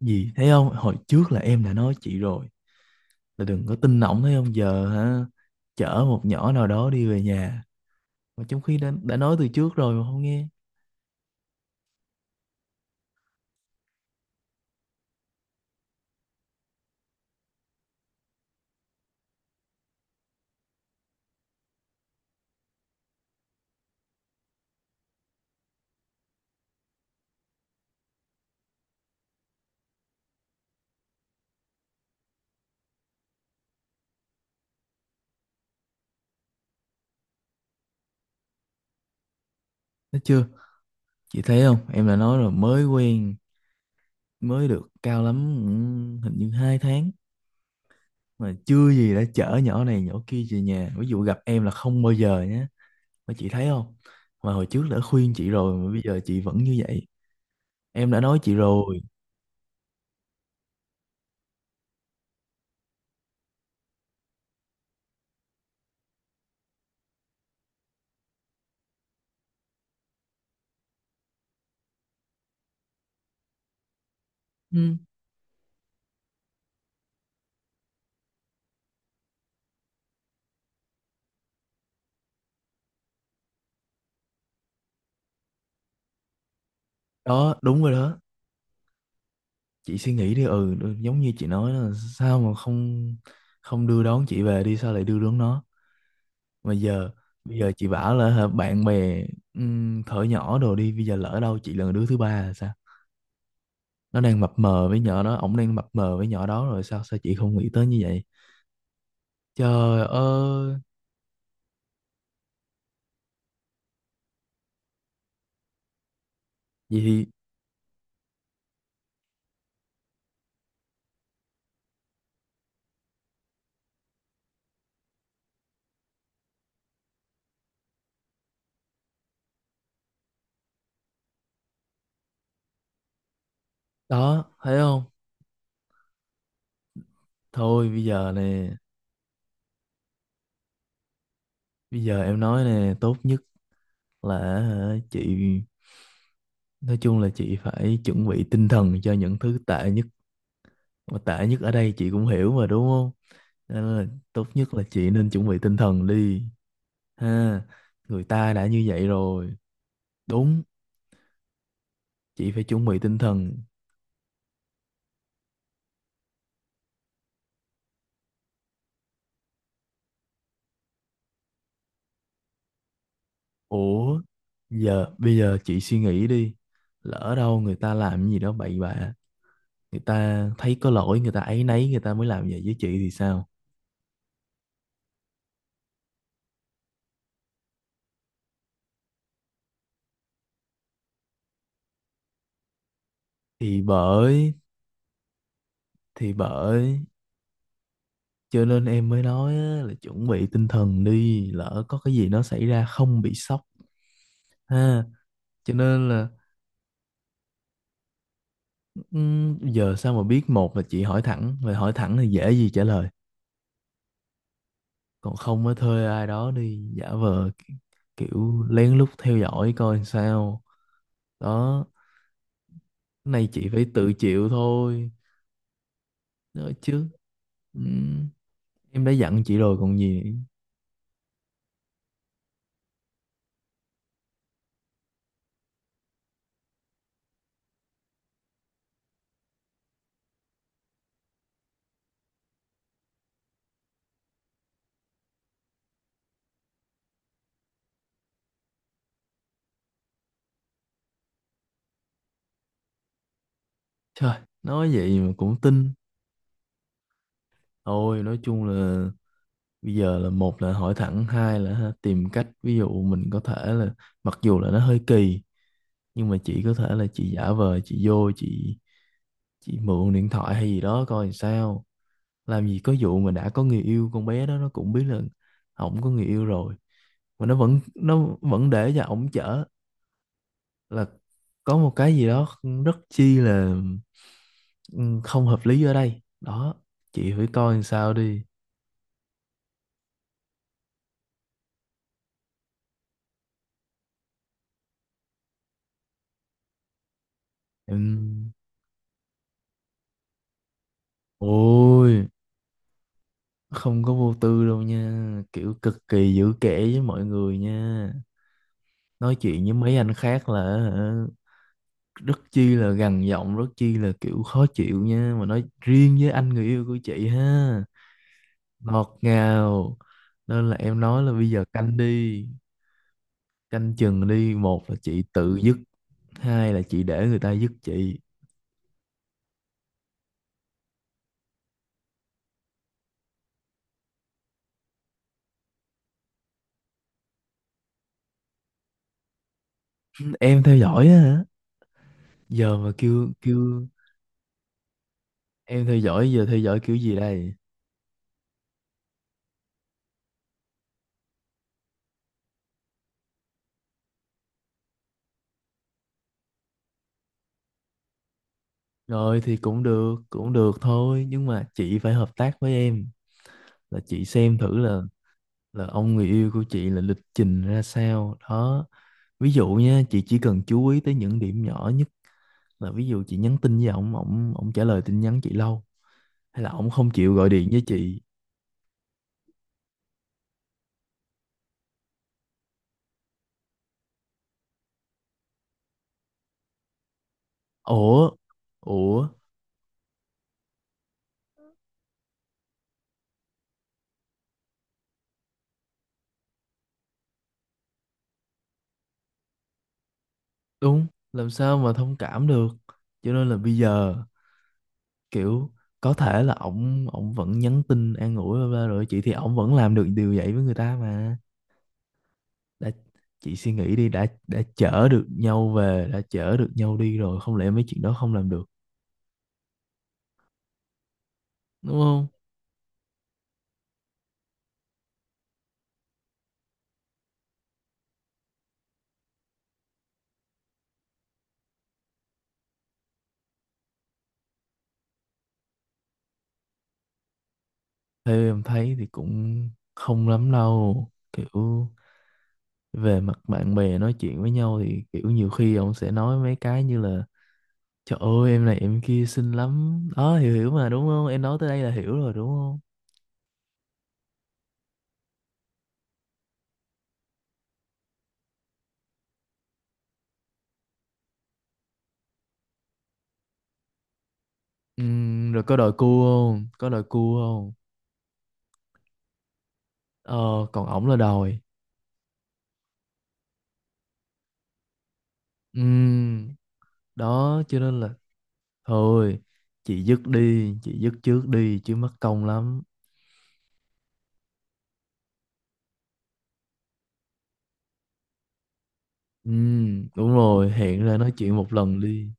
Gì thấy không? Hồi trước là em đã nói chị rồi, là đừng có tin ổng, thấy không? Giờ hả, chở một nhỏ nào đó đi về nhà, mà trong khi đã nói từ trước rồi mà không nghe. Thấy chưa? Chị thấy không, em đã nói rồi, mới quen, mới được cao lắm. Ừ, hình như hai tháng mà chưa gì đã chở nhỏ này nhỏ kia về nhà. Ví dụ gặp em là không bao giờ nhé. Mà chị thấy không, mà hồi trước đã khuyên chị rồi mà bây giờ chị vẫn như vậy. Em đã nói chị rồi. Ừ. Đó đúng rồi đó, chị suy nghĩ đi. Ừ, Giống như chị nói là sao mà không, không đưa đón chị về, đi sao lại đưa đón nó? Mà giờ, bây giờ chị bảo là hả, bạn bè. Thở nhỏ đồ đi, bây giờ lỡ đâu chị là đứa thứ ba là sao? Nó đang mập mờ với nhỏ đó, ổng đang mập mờ với nhỏ đó rồi, sao sao chị không nghĩ tới như vậy? Trời ơi! Vậy thì đó, thấy không? Thôi bây giờ nè, bây giờ em nói nè, tốt nhất là hả, chị, nói chung là chị phải chuẩn bị tinh thần cho những thứ tệ nhất, mà tệ nhất ở đây chị cũng hiểu mà đúng không? Nên là tốt nhất là chị nên chuẩn bị tinh thần đi, ha, người ta đã như vậy rồi. Đúng, chị phải chuẩn bị tinh thần. Ủa giờ, bây giờ chị suy nghĩ đi, lỡ đâu người ta làm gì đó bậy bạ, người ta thấy có lỗi, người ta áy náy, người ta mới làm vậy với chị thì sao? Thì bởi thì bởi cho nên em mới nói á, là chuẩn bị tinh thần đi, lỡ có cái gì nó xảy ra không bị sốc, ha. Cho nên là ừm, giờ sao mà biết, một là chị hỏi thẳng, và hỏi thẳng thì dễ gì trả lời, còn không mới thuê ai đó đi giả vờ kiểu lén lút theo dõi coi sao. Đó, cái này chị phải tự chịu thôi, nói chứ ừm, em đã dặn chị rồi còn gì nữa. Trời, nói vậy mà cũng tin. Thôi nói chung là bây giờ là một là hỏi thẳng, hai là ha, tìm cách, ví dụ mình có thể là, mặc dù là nó hơi kỳ, nhưng mà chị có thể là chị giả vờ chị vô, chị mượn điện thoại hay gì đó coi làm sao. Làm gì có vụ mà đã có người yêu, con bé đó nó cũng biết là ổng có người yêu rồi mà nó vẫn để cho ổng chở, là có một cái gì đó rất chi là ừ, không hợp lý ở đây đó. Chị phải coi làm sao đi. Em ôi, không có vô tư đâu nha, kiểu cực kỳ giữ kẽ với mọi người nha, nói chuyện với mấy anh khác là hả, rất chi là gằn giọng, rất chi là kiểu khó chịu nha, mà nói riêng với anh người yêu của chị ha, ngọt ngào. Nên là em nói là bây giờ canh đi, canh chừng đi, một là chị tự dứt, hai là chị để người ta dứt chị. Em theo dõi á hả? Giờ mà kêu kêu em theo dõi, giờ theo dõi kiểu gì đây? Rồi thì cũng được, cũng được thôi, nhưng mà chị phải hợp tác với em, là chị xem thử là ông người yêu của chị là lịch trình ra sao đó. Ví dụ nha, chị chỉ cần chú ý tới những điểm nhỏ nhất, là ví dụ chị nhắn tin với ổng, ổng trả lời tin nhắn chị lâu, hay là ổng không chịu gọi điện với chị. Ủa. Ủa. Đúng, làm sao mà thông cảm được. Cho nên là bây giờ kiểu có thể là ổng ổng vẫn nhắn tin an ủi bla bla rồi chị, thì ổng vẫn làm được điều vậy với người ta mà. Đã, chị suy nghĩ đi, đã chở được nhau về, đã chở được nhau đi rồi, không lẽ mấy chuyện đó không làm được? Đúng không? Theo em thấy thì cũng không lắm đâu. Kiểu về mặt bạn bè nói chuyện với nhau thì kiểu nhiều khi ông sẽ nói mấy cái như là, trời ơi em này em kia xinh lắm. Đó, hiểu hiểu mà đúng không? Em nói tới đây là hiểu rồi đúng không? Rồi có đòi cua không? Có đòi cua không? Ờ, còn ổng là đòi. Ừm, đó cho nên là thôi chị dứt đi, chị dứt trước đi chứ mất công lắm. Đúng rồi, hẹn ra nói chuyện một lần đi.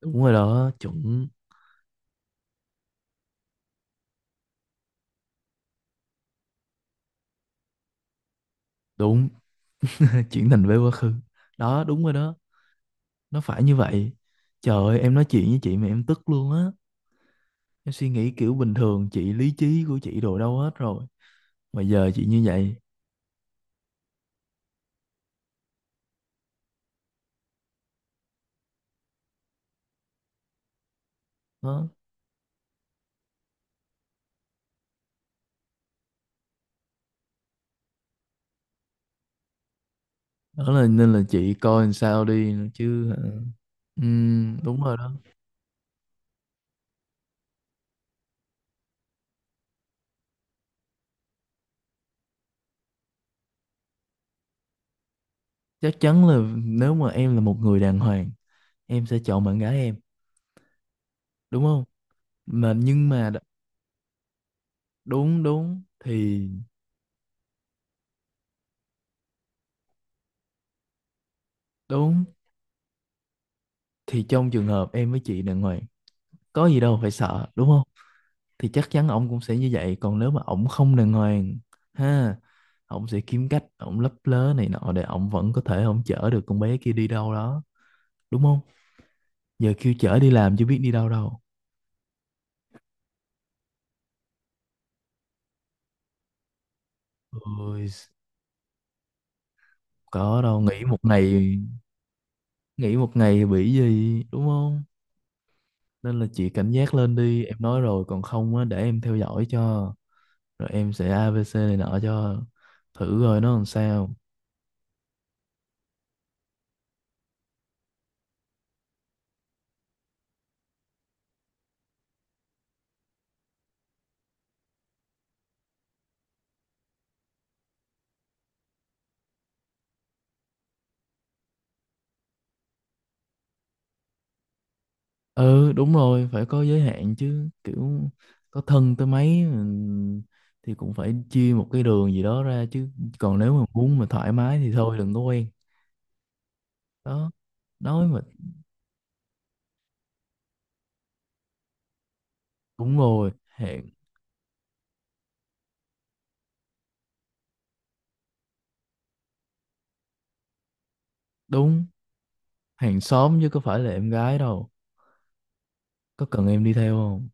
Đúng rồi đó, chuẩn. Đúng, chuyển tình về quá khứ. Đó đúng rồi đó, nó phải như vậy. Trời ơi em nói chuyện với chị mà em tức luôn á. Em suy nghĩ kiểu bình thường, chị lý trí của chị đồ đâu hết rồi, mà giờ chị như vậy. Đó, đó là nên là chị coi làm sao đi chứ hả? Đúng rồi đó. Chắc chắn là nếu mà em là một người đàng hoàng, em sẽ chọn bạn gái em, đúng không? Mà nhưng mà đ- Đúng, đúng thì, đúng thì trong trường hợp em với chị đàng hoàng, có gì đâu phải sợ, đúng không? Thì chắc chắn ổng cũng sẽ như vậy, còn nếu mà ổng không đàng hoàng ha, ổng sẽ kiếm cách, ổng lấp lớ này nọ để ổng vẫn có thể ổng chở được con bé kia đi đâu đó, đúng không? Giờ kêu chở đi làm chứ biết đi đâu đâu. Ôi, có đâu, nghỉ một ngày, nghỉ một ngày bị gì đúng không? Nên là chị cảnh giác lên đi, em nói rồi, còn không á để em theo dõi cho, rồi em sẽ ABC này nọ cho thử rồi nó làm sao. Ừ đúng rồi, phải có giới hạn chứ, kiểu có thân tới mấy thì cũng phải chia một cái đường gì đó ra chứ. Còn nếu mà muốn mà thoải mái thì thôi đừng có quen. Đó, nói mà. Đúng rồi, hẹn. Đúng. Hàng xóm chứ có phải là em gái đâu. Có cần em đi theo không?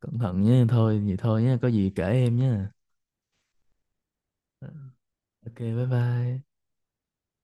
Cẩn thận nhé, thôi vậy thôi nhé, có gì kể em nhé. OK, bye bye.